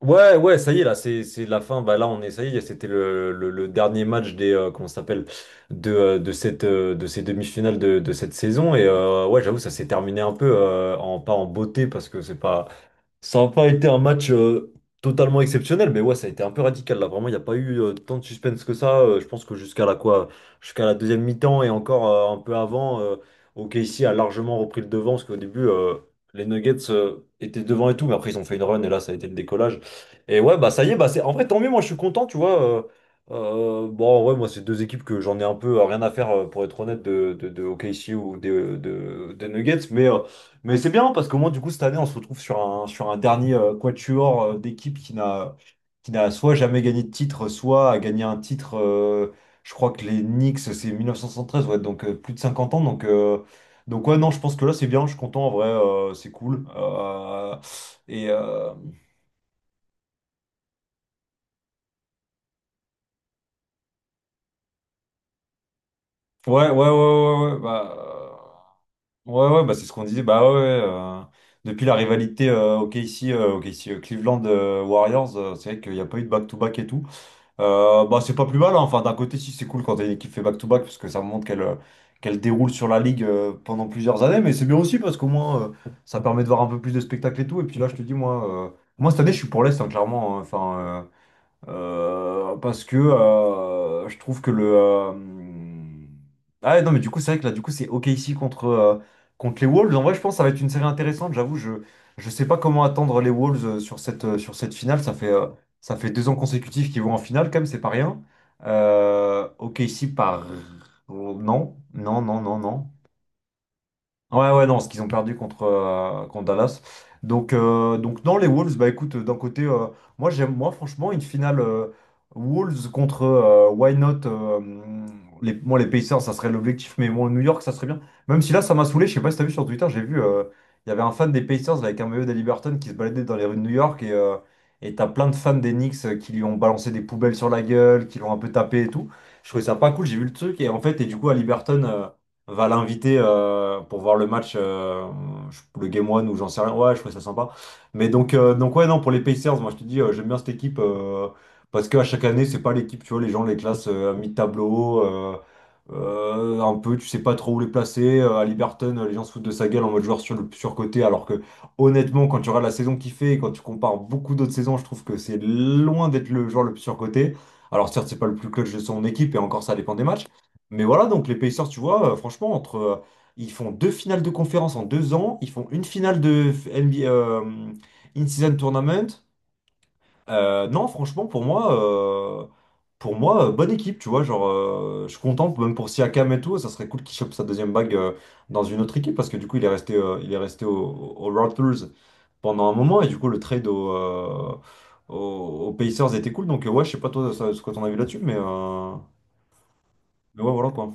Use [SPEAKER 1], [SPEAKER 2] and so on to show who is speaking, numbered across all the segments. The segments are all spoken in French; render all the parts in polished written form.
[SPEAKER 1] Ouais, ouais, ça y est, là, c'est la fin. Bah, là, on est, ça y est, c'était le dernier match des, comment ça s'appelle, de cette, de ces demi-finales de cette saison. Et ouais, j'avoue, ça s'est terminé un peu, en, pas en beauté, parce que c'est pas, ça n'a pas été un match totalement exceptionnel, mais ouais, ça a été un peu radical là. Vraiment, il n'y a pas eu tant de suspense que ça. Je pense que jusqu'à la quoi, jusqu'à la deuxième mi-temps et encore un peu avant, OKC a largement repris le devant parce qu'au début, les Nuggets étaient devant et tout, mais après ils ont fait une run et là, ça a été le décollage. Et ouais, bah ça y est, bah c'est en vrai tant mieux. Moi, je suis content, tu vois. Bon, ouais, moi, c'est deux équipes que j'en ai un peu rien à faire pour être honnête de OKC ou des Nuggets, mais. Mais c'est bien parce qu'au moins, du coup, cette année, on se retrouve sur un dernier quatuor d'équipe qui n'a soit jamais gagné de titre, soit a gagné un titre. Je crois que les Knicks, c'est 1973, ouais, donc plus de 50 ans. Donc ouais, non, je pense que là, c'est bien. Je suis content en vrai, c'est cool. Et euh, ouais, ouais, ouais, ouais, ouais, bah, c'est ce qu'on disait. Bah ouais, ouais, depuis la rivalité OKC, OKC, Cleveland Warriors, c'est vrai qu'il n'y a pas eu de back-to-back et tout. Bah, c'est pas plus mal, hein. Enfin, d'un côté, si c'est cool quand t'as une équipe fait back-to-back, parce que ça montre qu'elle déroule sur la ligue pendant plusieurs années, mais c'est bien aussi parce qu'au moins ça permet de voir un peu plus de spectacles et tout. Et puis là, je te dis, moi, moi cette année, je suis pour l'Est, hein, clairement. Hein. Enfin, parce que je trouve que le. Ah ouais, non, mais du coup, c'est vrai que là, du coup, c'est OKC contre, contre les Wolves. En vrai, je pense que ça va être une série intéressante. J'avoue, je sais pas comment attendre les Wolves sur cette, sur cette finale. Ça fait 2 ans consécutifs qu'ils vont en finale, quand même, c'est pas rien. OKC par. Non, non, non, non, non. Ouais, ouais, non, ce qu'ils ont perdu contre, contre Dallas. Donc, dans les Wolves, bah écoute, d'un côté, moi, j'aime, moi, franchement, une finale Wolves contre Why Not, les, moi, les Pacers, ça serait l'objectif, mais bon, New York, ça serait bien. Même si là, ça m'a saoulé, je sais pas si t'as vu sur Twitter, j'ai vu, il y avait un fan des Pacers avec un maillot d'Aliberton qui se baladait dans les rues de New York, et t'as plein de fans des Knicks qui lui ont balancé des poubelles sur la gueule, qui l'ont un peu tapé et tout. Je trouvais ça pas cool, j'ai vu le truc, et en fait, et du coup, Haliburton va l'inviter pour voir le match, le Game 1 ou j'en sais rien. Ouais, je trouvais ça sympa. Mais donc ouais, non, pour les Pacers, moi je te dis, j'aime bien cette équipe parce qu'à chaque année, c'est pas l'équipe, tu vois, les gens les classent à mi-tableau. Un peu, tu sais pas trop où les placer. À Liberton, les gens se foutent de sa gueule en mode joueur sur le surcoté, alors que honnêtement, quand tu regardes la saison qu'il fait et quand tu compares beaucoup d'autres saisons, je trouve que c'est loin d'être le joueur le plus surcoté. Alors certes, c'est pas le plus clutch de son équipe et encore ça dépend des matchs. Mais voilà, donc les Pacers, tu vois, franchement, entre ils font deux finales de conférence en 2 ans, ils font une finale de NBA In-Season Tournament. Non, franchement, pour moi, bonne équipe, tu vois. Genre, je suis content, même pour Siakam et tout, ça serait cool qu'il chope sa deuxième bague dans une autre équipe parce que du coup, il est resté au Raptors pendant un moment et du coup, le trade aux Pacers était cool. Donc, ouais, je sais pas toi ce que t'en as vu là-dessus, mais, mais ouais, voilà quoi.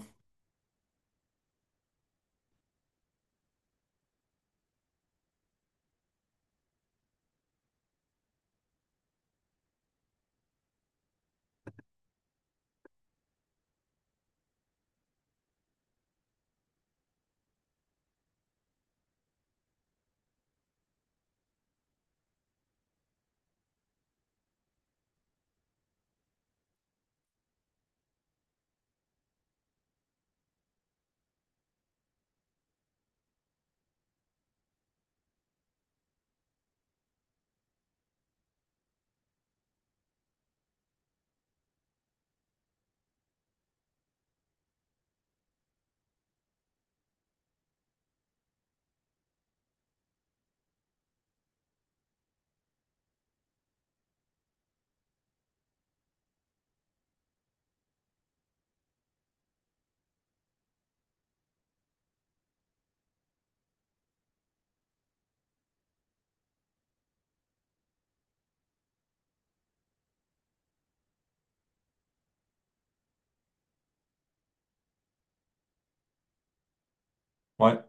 [SPEAKER 1] Ouais.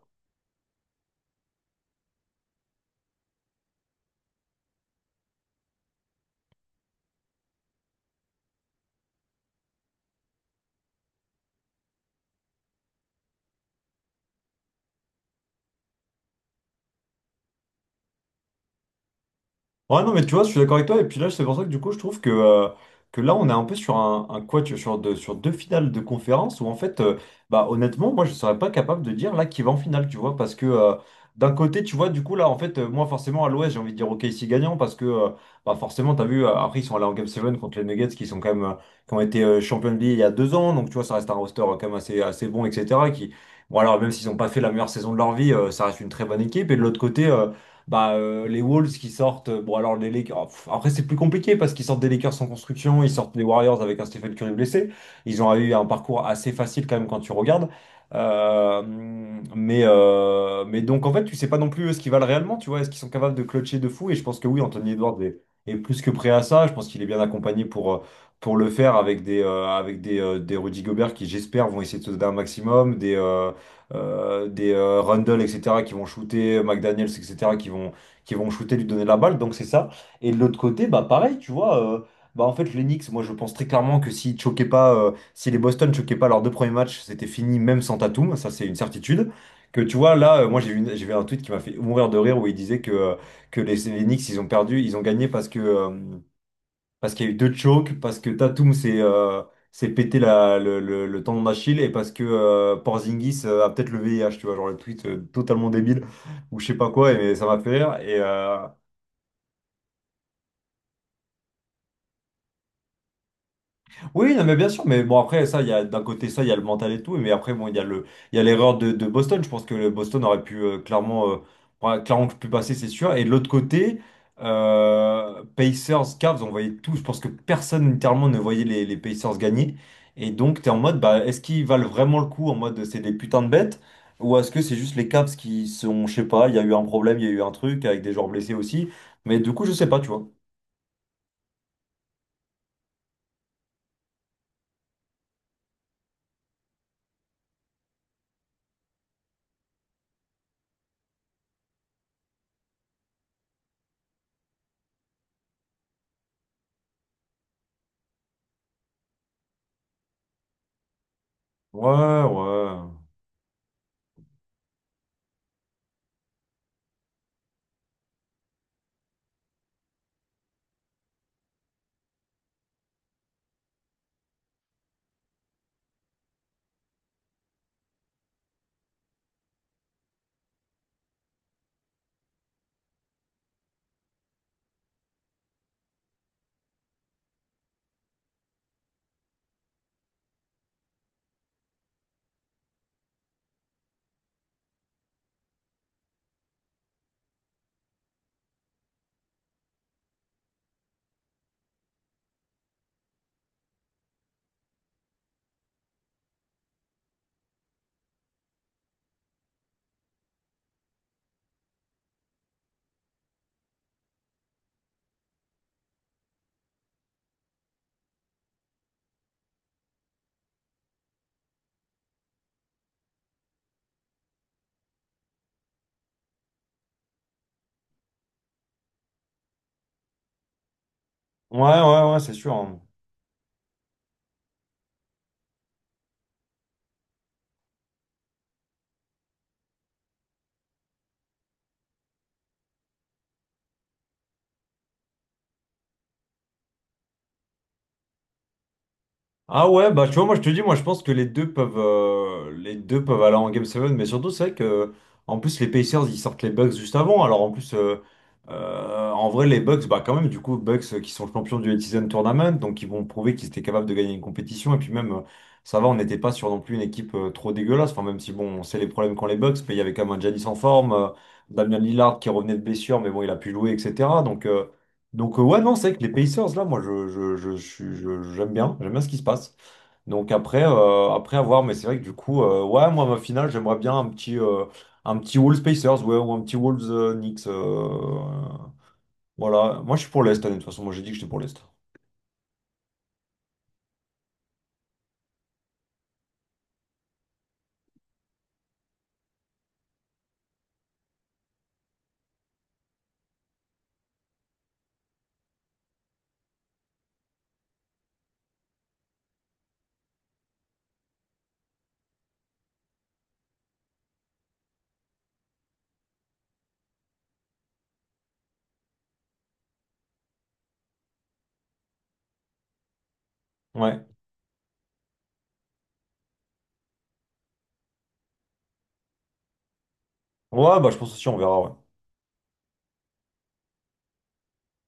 [SPEAKER 1] Ouais, non, mais tu vois, je suis d'accord avec toi. Et puis là, c'est pour ça que du coup, je trouve que là, on est un peu sur un, sur deux finales de conférence où, en fait, bah, honnêtement, moi, je serais pas capable de dire là qui va en finale, tu vois, parce que d'un côté, tu vois, du coup, là, en fait, moi, forcément, à l'Ouest, j'ai envie de dire ok OKC gagnant parce que, bah, forcément, t'as vu, après, ils sont allés en Game 7 contre les Nuggets qui sont quand même, qui ont été champions de NBA il y a 2 ans, donc, tu vois, ça reste un roster quand même assez, assez bon, etc. Qui, bon, alors, même s'ils n'ont pas fait la meilleure saison de leur vie, ça reste une très bonne équipe. Et de l'autre côté, les Wolves qui sortent, bon alors les Lakers, oh, pff, après c'est plus compliqué parce qu'ils sortent des Lakers sans construction, ils sortent des Warriors avec un Stephen Curry blessé, ils ont eu un parcours assez facile quand même quand tu regardes. Euh, mais donc en fait tu sais pas non plus eux, ce qu'ils valent réellement, tu vois, est-ce qu'ils sont capables de clutcher de fou, et je pense que oui, Anthony Edwards est plus que prêt à ça, je pense qu'il est bien accompagné pour le faire avec des Rudy Gobert qui, j'espère, vont essayer de se donner un maximum, des Rundle, etc., qui vont shooter, McDaniels, etc., qui vont shooter, lui donner la balle. Donc c'est ça. Et de l'autre côté, bah pareil, tu vois, bah en fait, les Knicks, moi je pense très clairement que s'ils choquaient pas, si les Boston choquaient pas leurs deux premiers matchs, c'était fini même sans Tatum, ça c'est une certitude. Que tu vois, là, moi j'ai vu, j'ai vu un tweet qui m'a fait mourir de rire où il disait que les Knicks, ils ont perdu, ils ont gagné parce que. Parce qu'il y a eu deux chokes, parce que Tatum s'est pété le tendon d'Achille et parce que Porzingis a peut-être le VIH, tu vois, genre le tweet totalement débile ou je sais pas quoi, et ça m'a fait rire. Oui, non, mais bien sûr, mais bon, après, ça, il y a d'un côté ça, il y a le mental et tout, mais après, bon, il y a l'erreur de Boston. Je pense que le Boston aurait pu clairement, ouais, clairement pu passer, c'est sûr. Et de l'autre côté, Pacers, Cavs, on voyait tout. Je pense que personne, littéralement, ne voyait les Pacers gagner. Et donc, t'es en mode, bah, est-ce qu'ils valent vraiment le coup en mode c'est des putains de bêtes? Ou est-ce que c'est juste les Cavs qui sont, je sais pas, il y a eu un problème, il y a eu un truc avec des joueurs blessés aussi. Mais du coup, je sais pas, tu vois. Ouais, ouais. Ouais, ouais, ouais, c'est sûr. Hein. Ah ouais, bah tu vois, moi je te dis, moi je pense que les deux peuvent aller en Game 7, mais surtout c'est vrai que en plus les Pacers ils sortent les Bucks juste avant, alors en plus en vrai les Bucks, bah quand même du coup Bucks qui sont champions du Elite Tournament, donc ils vont prouver qu'ils étaient capables de gagner une compétition, et puis même ça va, on n'était pas sur non plus une équipe trop dégueulasse, enfin même si bon on sait les problèmes qu'ont les Bucks, mais il y avait quand même un Giannis en forme, Damian Lillard qui revenait de blessure, mais bon il a pu jouer, etc. Ouais non c'est vrai que les Pacers là, moi je suis- je- j'aime bien ce qui se passe. Donc après, mais c'est vrai que du coup, ouais, moi, ma finale, j'aimerais bien un petit Wolves Pacers, ouais, ou un petit Wolves Knicks. Voilà, moi, je suis pour l'Est, hein, de toute façon, moi, j'ai dit que j'étais pour l'Est. Ouais. Ouais, bah, je pense aussi, on verra, ouais.